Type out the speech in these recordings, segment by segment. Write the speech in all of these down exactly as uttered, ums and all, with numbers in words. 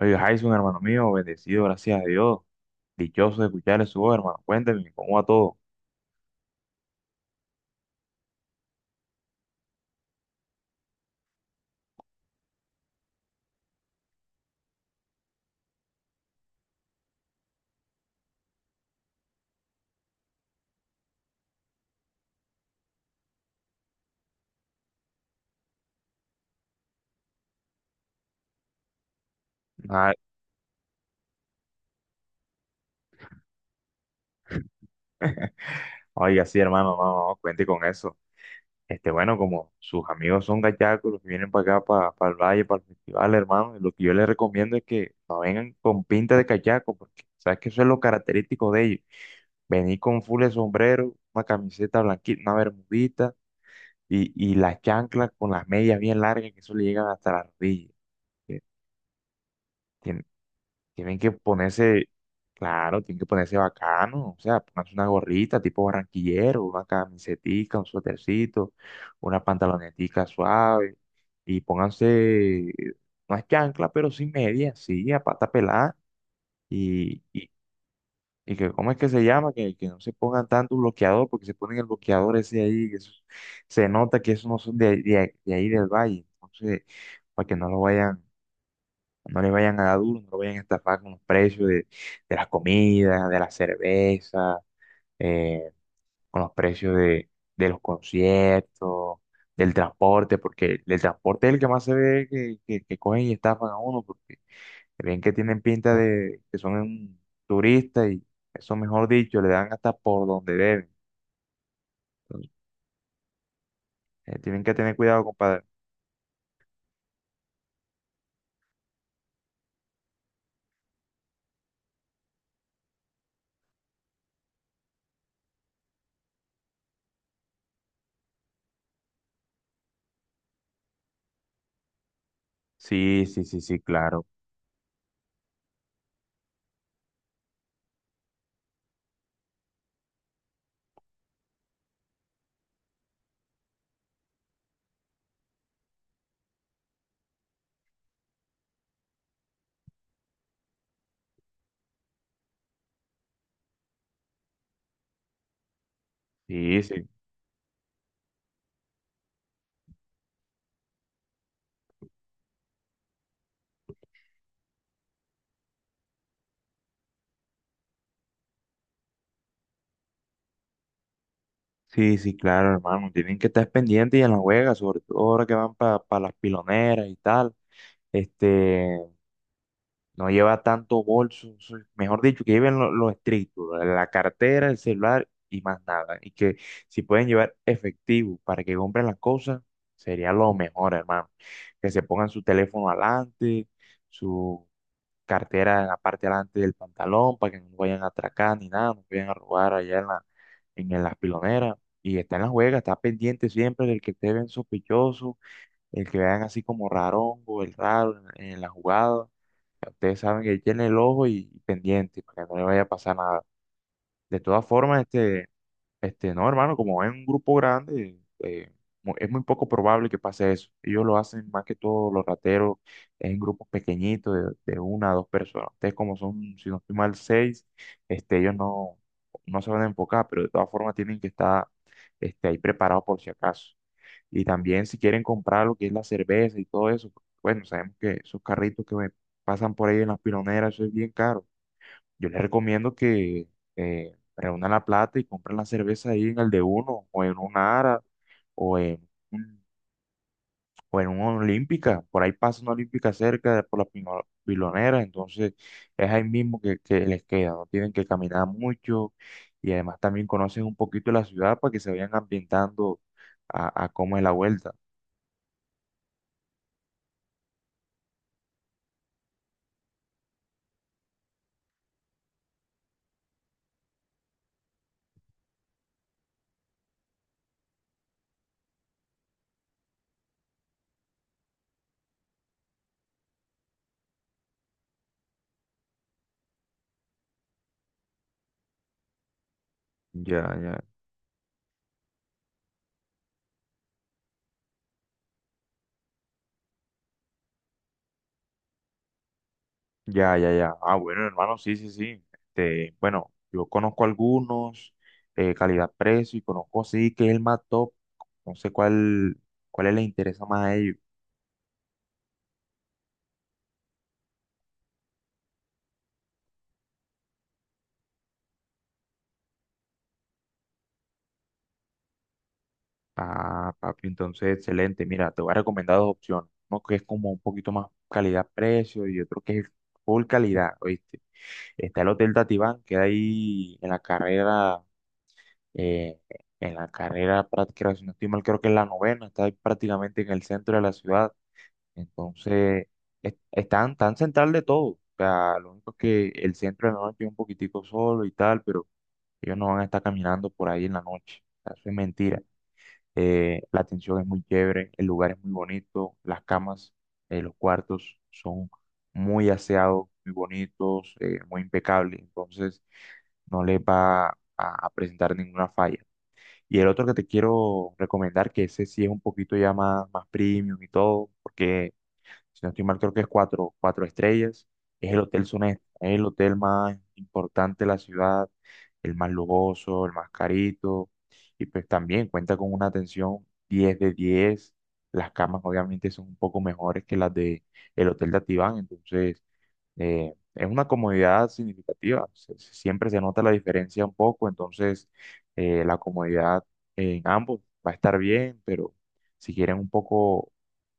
Oye, Jason, hermano mío, bendecido, gracias a Dios. Dichoso de escuchar su voz, hermano. Cuénteme, ¿cómo va todo? Ay, oiga, sí, hermano, no, no, no, cuente con eso. Este, bueno, como sus amigos son gachacos, los que vienen para acá, para el valle, para el festival, hermano, lo que yo les recomiendo es que no vengan con pinta de cachaco, porque sabes que eso es lo característico de ellos. Venir con full de sombrero, una camiseta blanquita, una bermudita y y las chanclas con las medias bien largas, que eso le llegan hasta las rodillas. que tienen- Tienen que ponerse, claro, tienen que ponerse bacano, o sea, pónganse una gorrita tipo barranquillero, una camisetica, un suétercito, una pantalonetica suave y pónganse unas chanclas, pero sin medias, sí, a pata pelada y, y, y que, ¿cómo es que se llama? Que, que no se pongan tanto bloqueador, porque se ponen el bloqueador ese ahí, que eso- se nota que esos no son de, de, de ahí del valle, entonces, para que no lo vayan no le vayan a dar duro, no lo vayan a estafar con los precios de, de las comidas, de la cerveza, eh, con los precios de, de los conciertos, del transporte, porque el transporte es el que más se ve que, que, que cogen y estafan a uno, porque creen que tienen pinta de que son un turista y eso, mejor dicho, le dan hasta por donde deben. Entonces, eh, tienen que tener cuidado, compadre. Sí, sí, sí, sí, claro. Sí, sí. Sí, sí, claro, hermano. Tienen que estar pendientes y en la juega, sobre todo ahora que van para las piloneras y tal. Este, no lleva tanto bolso, so- mejor dicho, que lleven lo, lo estricto, la la cartera, el celular y más nada. Y que si pueden llevar efectivo para que compren las cosas, sería lo mejor, hermano. Que se pongan su teléfono adelante, cartera en la parte delante del pantalón para que no vayan a atracar ni nada, no vayan a robar allá en la, en, el- las piloneras. Y está en la juega, está pendiente siempre del que te ven sospechoso, el que vean así como rarongo, el raro en, en la jugada. Ya ustedes saben que él tiene el ojo y y pendiente para que no le vaya a pasar nada. De todas formas, este. Este, no, hermano, como es un grupo grande, eh, mu- es muy poco probable que pase eso. Ellos lo hacen más que todo los rateros en grupos pequeñitos de, de una a dos personas. Ustedes como son, si no estoy mal, seis, este, ellos no, no se van a enfocar, pero de todas formas tienen que estar este, ahí preparados por si acaso. Y también si quieren comprar lo que es la cerveza y todo eso, bueno, sabemos que esos carritos que ven- pasan por ahí en las piloneras, eso es bien caro. Yo les recomiendo que eh, reúnan la plata y compren la cerveza ahí en el de uno, o en una Ara, o en, un- o en una Olímpica. Por ahí pasa una Olímpica cerca de- por las Pino- piloneras, entonces es ahí mismo que, que les queda. No tienen que caminar mucho y además también conocen un poquito la ciudad para que se vayan ambientando a, a cómo es la vuelta. Ya, ya. Ya, ya, ya. Ah, bueno, hermano, sí, sí, sí. Este, bueno, yo conozco algunos, eh, calidad-precio, y conozco así que es el más top. No sé cuál, cuál les interesa más a ellos. Ah, papi, entonces, excelente. Mira, te voy a recomendar dos opciones. Uno que es como un poquito más calidad-precio y otro que es full calidad, ¿oíste? Está el Hotel Tatibán, que ahí en la carrera, eh, en la carrera, práctica- si no estoy mal, creo que es la novena, está ahí prácticamente en el centro de la ciudad. Entonces, es- están tan central de todo. O sea, lo único es que el centro de la noche es un poquitico solo y tal, pero ellos no van a estar caminando por ahí en la noche. O sea, eso es mentira. Eh, la atención es muy chévere, el lugar es muy bonito, las camas, eh, los cuartos son muy aseados, muy bonitos, eh, muy impecables. Entonces, no les va a, a presentar ninguna falla. Y el otro que te quiero recomendar, que ese sí es un poquito ya más, más premium y todo, porque si no estoy mal, creo que es cuatro, cuatro estrellas. Es el Hotel Sonesta, es el hotel más importante de la ciudad, el más lujoso, el más carito. Y pues también cuenta con una atención diez de diez. Las camas obviamente son un poco mejores que las de el Hotel de Atibán, entonces eh, es una comodidad significativa. Se- se- siempre se nota la diferencia un poco, entonces eh, la comodidad en ambos va a estar bien, pero si quieren un poco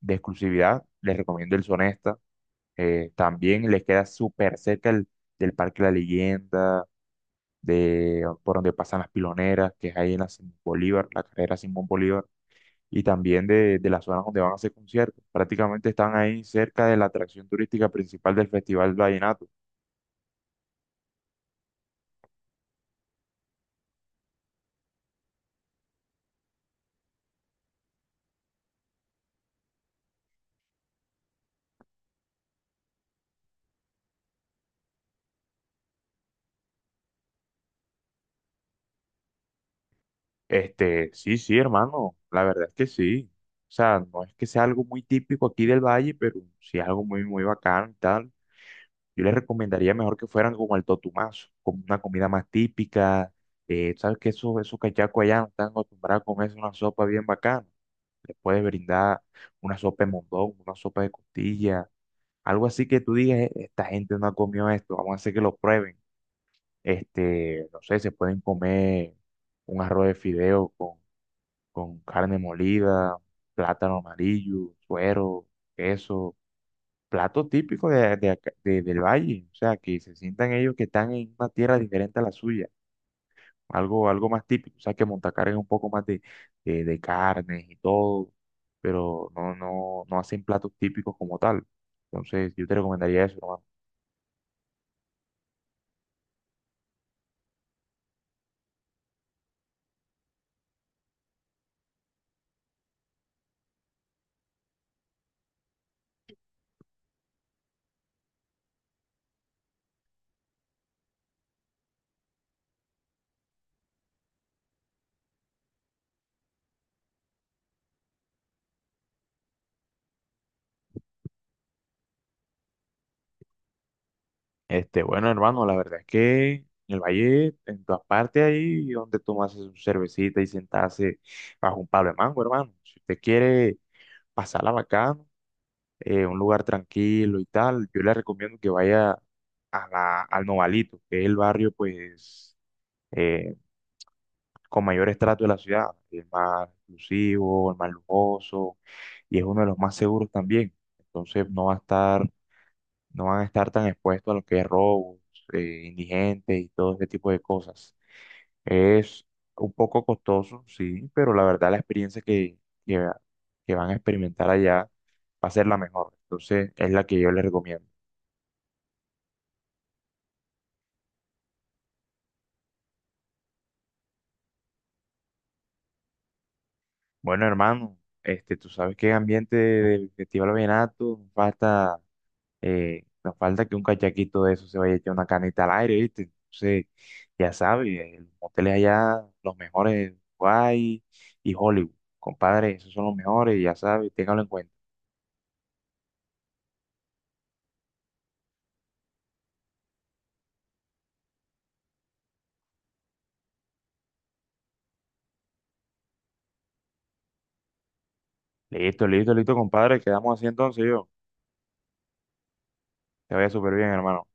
de exclusividad, les recomiendo el Sonesta. Eh, también les queda súper cerca el, del Parque La Leyenda, de, por donde pasan las piloneras, que es ahí en la Simón Bolívar, la carrera Simón Bolívar, y también de, de las zonas donde van a hacer conciertos. Prácticamente están ahí cerca de la atracción turística principal del Festival Vallenato. Este, sí, sí, hermano, la verdad es que sí. O sea, no es que sea algo muy típico aquí del valle, pero sí es algo muy, muy bacán y tal. Yo les recomendaría mejor que fueran como el Totumazo, como una comida más típica. Eh, sabes que esos, esos cachacos allá no están acostumbrados a comerse una sopa bien bacana. Les puedes brindar una sopa de mondongo, una sopa de costilla, algo así que tú digas: "Eh, esta gente no ha comido esto, vamos a hacer que lo prueben". Este, no sé, se pueden comer un arroz de fideo con, con carne molida, plátano amarillo, suero, queso, plato típico de, de acá- de- del valle, o sea, que se sientan ellos que están en una tierra diferente a la suya, algo, algo más típico, o sea, que Montacar es un poco más de, de, de carnes y todo, pero no, no, no hacen platos típicos como tal. Entonces, yo te recomendaría eso, hermano. Este, bueno, hermano, la verdad es que en el valle, en todas partes ahí donde tomarse su cervecita y sentarse bajo un palo de mango, hermano. Si usted quiere pasarla bacán, eh, un lugar tranquilo y tal, yo le recomiendo que vaya a la, al Novalito, que es el barrio pues eh, con mayor estrato de la ciudad, el más exclusivo, el más lujoso y es uno de los más seguros también. Entonces no va a estar, no van a estar tan expuestos a lo que es robos, eh, indigentes y todo ese tipo de cosas. Es un poco costoso, sí, pero la verdad la experiencia que, que, que van a experimentar allá va a ser la mejor. Entonces es la que yo les recomiendo. Bueno, hermano, este, tú sabes que en ambiente del Festival Vallenato nos falta, eh, nos falta que un cachaquito de eso se vaya a echar una canita al aire, ¿viste? Entonces, ya sabes, eh, los moteles allá, los mejores, Guay y Hollywood. Compadre, esos son los mejores, ya sabes, téngalo en cuenta. Listo, listo, listo, compadre, quedamos así entonces yo. Te vaya súper bien, hermano.